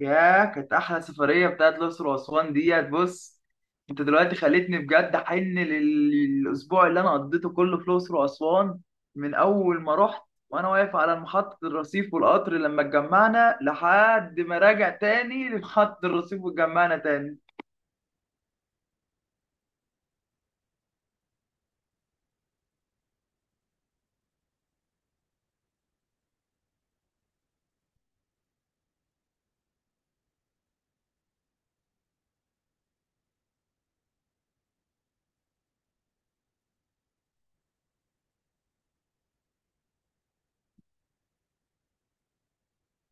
ياه، كانت احلى سفريه بتاعت الاقصر واسوان ديت. بص، انت دلوقتي خليتني بجد احن للاسبوع اللي انا قضيته كله في الاقصر واسوان، من اول ما رحت وانا واقف على محطه الرصيف والقطر لما اتجمعنا لحد ما راجع تاني لمحطه الرصيف واتجمعنا تاني.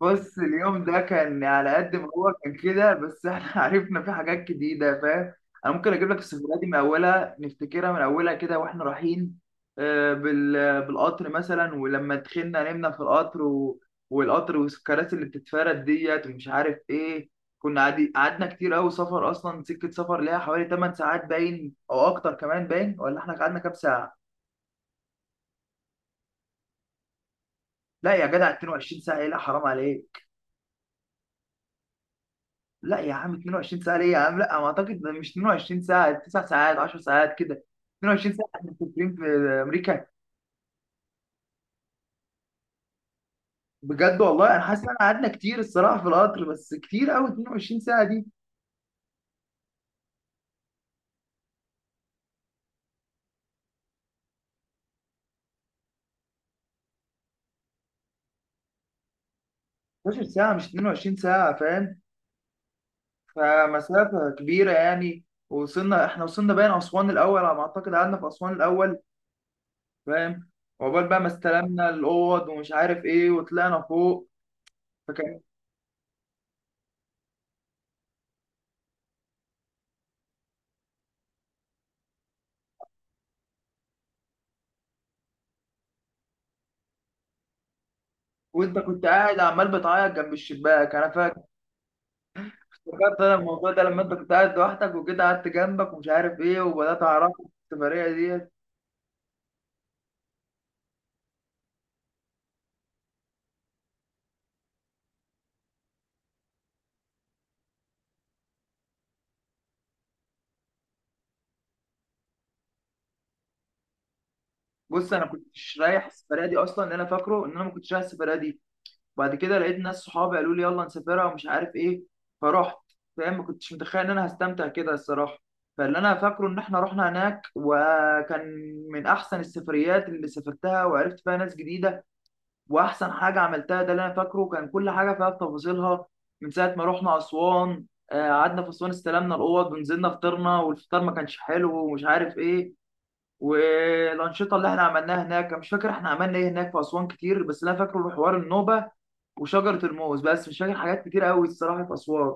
بص، اليوم ده كان على قد ما هو كان كده، بس احنا عرفنا فيه حاجات جديدة، فاهم؟ انا ممكن اجيب لك السفرية دي من اولها، نفتكرها من اولها كده واحنا رايحين بالقطر مثلا، ولما دخلنا نمنا في القطر والقطر والكراسي اللي بتتفرد ديت ومش عارف ايه. كنا قعدنا كتير قوي. سفر اصلا، سكة سفر ليها حوالي 8 ساعات باين او اكتر كمان باين، ولا احنا قعدنا كام ساعة؟ لا يا جدع، 22 ساعة ايه، لا حرام عليك. لا يا عم، 22 ساعة ليه يا عم، لا ما اعتقد، ده مش 22 ساعة، 9 ساعات 10 ساعات كده. 22 ساعة؟ احنا مسافرين في امريكا؟ بجد والله انا حاسس ان احنا قعدنا كتير الصراحة في القطر، بس كتير قوي 22 ساعة دي. 12 ساعة مش 22 ساعة، فاهم؟ فمسافة كبيرة يعني. وصلنا احنا، وصلنا باين اسوان الاول على ما اعتقد، قعدنا في اسوان الاول، فاهم؟ وعقبال بقى ما استلمنا الاوض ومش عارف ايه وطلعنا فوق. فكان، وانت كنت قاعد عمال بتعيط جنب الشباك، انا فاكر. فكرت انا الموضوع ده لما انت كنت قاعد لوحدك، وجيت قعدت جنبك ومش عارف ايه وبدات اعرفك في السفريه ديت. بص، انا كنتش رايح السفريه دي اصلا، اللي انا فاكره ان انا ما كنتش رايح السفريه دي. وبعد كده لقيت ناس صحابي قالوا لي يلا نسافرها ومش عارف ايه، فرحت. فاهم؟ ما كنتش متخيل ان انا هستمتع كده الصراحه. فاللي انا فاكره ان احنا رحنا هناك وكان من احسن السفريات اللي سافرتها وعرفت فيها ناس جديده. واحسن حاجه عملتها، ده اللي انا فاكره، كان كل حاجه فيها بتفاصيلها. من ساعه ما رحنا اسوان قعدنا في اسوان استلمنا الاوض ونزلنا فطرنا والفطار ما كانش حلو ومش عارف ايه. والانشطه اللي احنا عملناها هناك، أنا مش فاكر احنا عملنا ايه هناك في اسوان كتير، بس اللي انا فاكره حوار النوبه وشجره الموز، بس مش فاكر حاجات كتير قوي الصراحه في اسوان.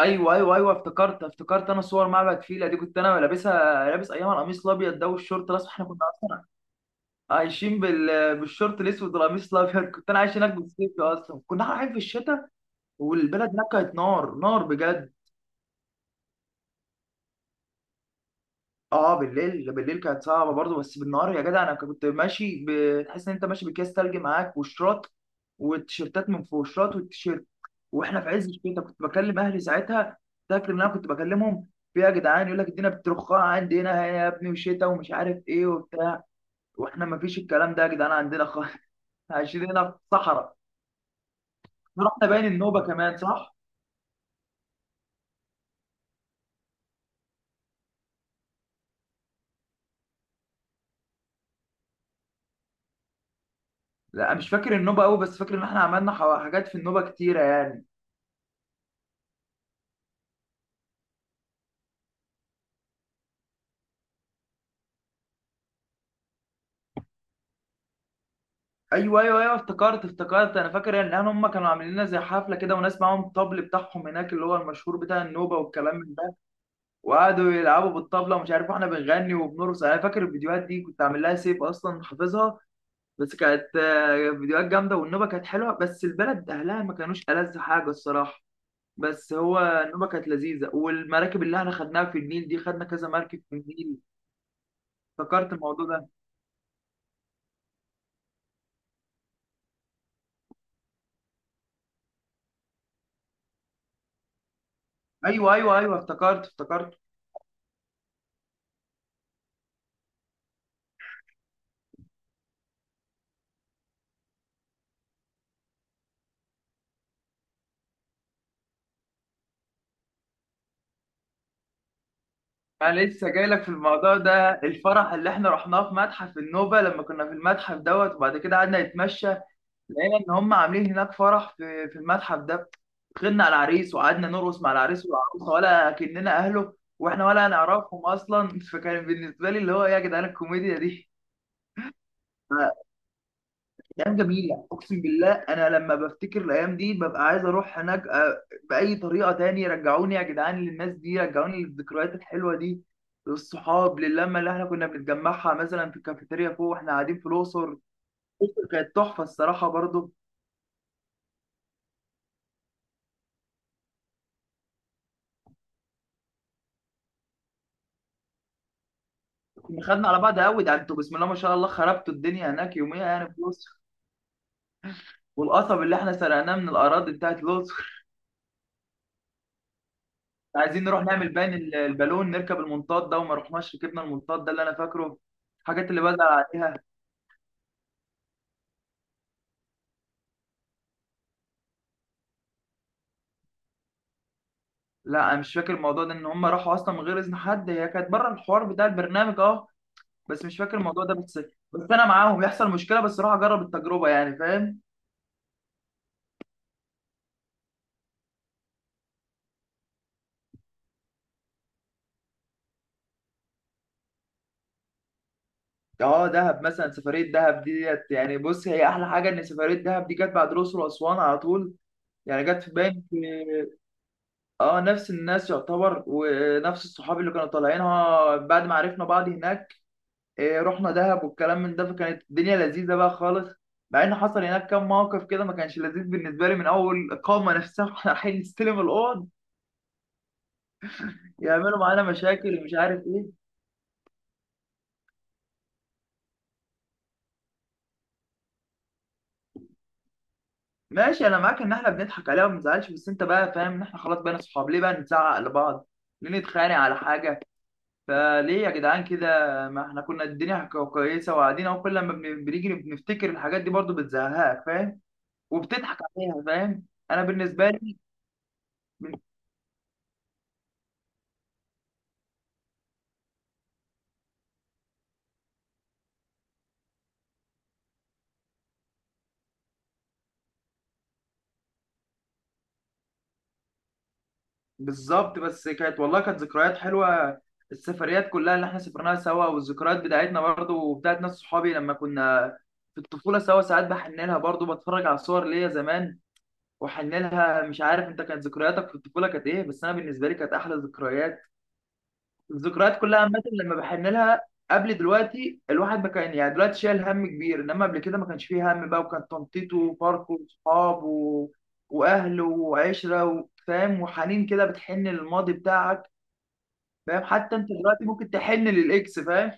ايوه، ايوه، ايوه، افتكرت. انا صور معبد فيلة دي كنت انا لابسها، لابس ايام القميص الابيض ده والشورت الاسود. احنا كنا اصلا عايشين بالشورت الاسود والقميص الابيض، كنت انا عايش هناك بالصيف اصلا، كنا رايحين في الشتاء. والبلد هناك كانت نار نار بجد. اه، بالليل بالليل كانت صعبه برضه، بس بالنهار يا جدع انا كنت ماشي، بتحس ان انت ماشي باكياس تلج معاك وشراط، والتيشيرتات من فوق الشراط والتيشيرت، واحنا في عز الشتاء. كنت بكلم اهلي ساعتها، فاكر ان انا كنت بكلمهم، في إيه يا جدعان، يقول لك الدنيا بترخاء عندي هنا يا ابني وشتاء ومش عارف ايه وبتاع. واحنا ما فيش الكلام ده يا جدعان عندنا خالص. عايشين هنا في صحراء. رحنا باين النوبة كمان، صح؟ لا، مش فاكر النوبة قوي، بس فاكر ان احنا عملنا حاجات في النوبة كتيرة يعني. ايوه، ايوه، ايوه، افتكرت. انا فاكر يعني ان هم كانوا عاملين لنا زي حفلة كده، وناس معاهم الطبل بتاعهم هناك اللي هو المشهور بتاع النوبة والكلام من ده. وقعدوا يلعبوا بالطبلة ومش عارف، احنا بنغني وبنرقص. انا فاكر الفيديوهات دي كنت عامل لها سيف اصلا، حافظها. بس كانت فيديوهات جامدة، والنوبة كانت حلوة، بس البلد اهلها ما كانوش ألذ حاجة الصراحة. بس هو النوبة كانت لذيذة، والمراكب اللي احنا خدناها في النيل دي، خدنا كذا مركب في النيل. افتكرت الموضوع ده. ايوه، ايوه، ايوه، افتكرت. انا لسه جاي لك في الموضوع ده، الفرح اللي احنا رحناه في متحف النوبه لما كنا في المتحف دوت، وبعد كده قعدنا نتمشى، لقينا ان هم عاملين هناك فرح في المتحف ده. دخلنا على العريس وقعدنا نرقص مع العريس والعروسه ولا كأننا اهله، واحنا ولا نعرفهم اصلا. فكان بالنسبه لي اللي هو إيه يا جدعان، الكوميديا دي. ايام جميله اقسم بالله. انا لما بفتكر الايام دي ببقى عايز اروح هناك باي طريقه تاني. رجعوني يا جدعان للناس دي، رجعوني للذكريات الحلوه دي، للصحاب، للمه اللي احنا كنا بنتجمعها مثلا في الكافيتيريا فوق واحنا قاعدين في الاقصر. الأقصر كانت تحفه الصراحه برضو. كنا خدنا على بعض قوي، ده انتوا بسم الله ما شاء الله خربتوا الدنيا هناك يوميها يعني في الاقصر. والقصب اللي احنا سرقناه من الاراضي بتاعت الاقصر. عايزين نروح نعمل باين البالون، نركب المنطاد ده، وما رحناش ركبنا المنطاد ده اللي انا فاكره، الحاجات اللي بزعل عليها. لا، انا مش فاكر الموضوع ده، ان هم راحوا اصلا من غير اذن حد، هي كانت بره الحوار بتاع البرنامج، اه. بس مش فاكر الموضوع ده بس. بس انا معاهم يحصل مشكله، بس راح اجرب التجربه يعني، فاهم؟ اه، دهب مثلا، سفريه دهب دي ديت يعني، بص هي احلى حاجه ان سفريه دهب دي جت بعد الاقصر واسوان على طول. يعني جت في باين في، اه، نفس الناس يعتبر ونفس الصحاب اللي كانوا طالعينها بعد ما عرفنا بعض هناك. رحنا دهب والكلام من ده، فكانت الدنيا لذيذه بقى خالص. مع ان حصل هناك كام موقف كده ما كانش لذيذ بالنسبه لي، من اول الاقامه نفسها واحنا رايحين نستلم الاوض، يعملوا معانا مشاكل ومش عارف ايه. ماشي، انا معاك ان احنا بنضحك عليها وما نزعلش، بس انت بقى فاهم ان احنا خلاص بقينا صحاب، ليه بقى نزعق لبعض، ليه نتخانق على حاجه، فليه يا جدعان كده؟ ما احنا كنا الدنيا كويسه وقاعدين اهو، كل لما بنيجي بنفتكر الحاجات دي برضو بتزهقك، فاهم؟ وبتضحك عليها، فاهم؟ انا بالنسبه لي، بالظبط. بس كانت والله كانت ذكريات حلوه، السفريات كلها اللي احنا سافرناها سوا، والذكريات بتاعتنا برضو وبتاعت ناس صحابي لما كنا في الطفوله سوا، ساعات بحن لها برضو، بتفرج على صور ليا زمان واحن لها. مش عارف انت كانت ذكرياتك في الطفوله كانت ايه، بس انا بالنسبه لي كانت احلى ذكريات، الذكريات كلها عامه لما بحن لها. قبل دلوقتي الواحد ما كان يعني، دلوقتي شايل هم كبير، انما قبل كده ما كانش فيه هم بقى، وكان تنطيطه وفرقه وصحابه واهله وعشره فاهم، وحنين كده بتحن للماضي بتاعك. فاهم؟ حتى انت دلوقتي ممكن تحن للاكس، فاهم؟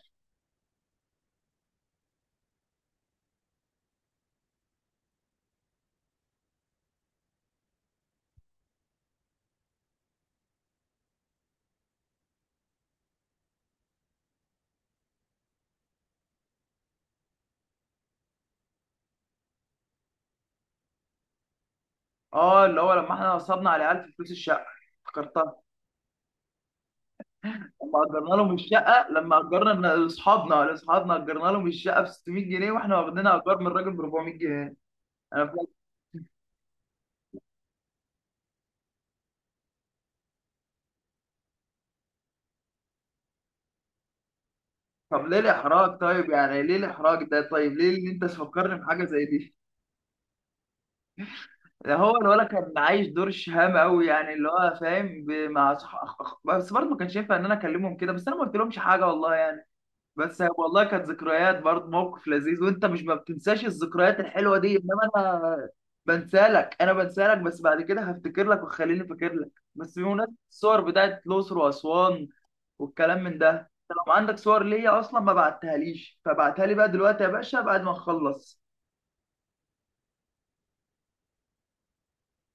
اه، اللي هو لما احنا نصبنا على عيال في فلوس الشقه، افتكرتها. لما اجرنا لهم الشقه، لما اجرنا لاصحابنا اجرنا لهم الشقه ب 600 جنيه، واحنا واخدين ايجار من الراجل ب 400 جنيه، انا فاهم. طب ليه الاحراج، طيب يعني ليه الاحراج ده، طيب ليه ان انت تفكرني بحاجه زي دي؟ ده هو الولد كان عايش دور الشهامه قوي يعني، اللي هو فاهم مع بس برضه ما كانش ينفع ان انا اكلمهم كده، بس انا ما قلت لهمش حاجه والله يعني. بس والله كانت ذكريات برضه، موقف لذيذ وانت مش ما بتنساش الذكريات الحلوه دي، انما انا بنسالك بس، بعد كده هفتكر لك وخليني فاكر لك بس بمناسبه الصور بتاعت الاقصر واسوان والكلام من ده. انت لو عندك صور ليا اصلا ما بعتهاليش، فبعتها لي بقى دلوقتي يا باشا بعد ما نخلص.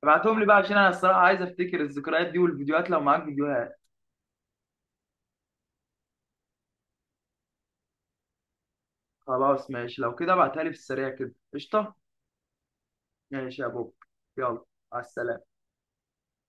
ابعتهم لي بقى عشان انا الصراحه عايز افتكر الذكريات دي، والفيديوهات لو معاك فيديوهات. خلاص ماشي، لو كده ابعتها لي في السريع كده، قشطه. ماشي يا بوب، يلا. على السلامه.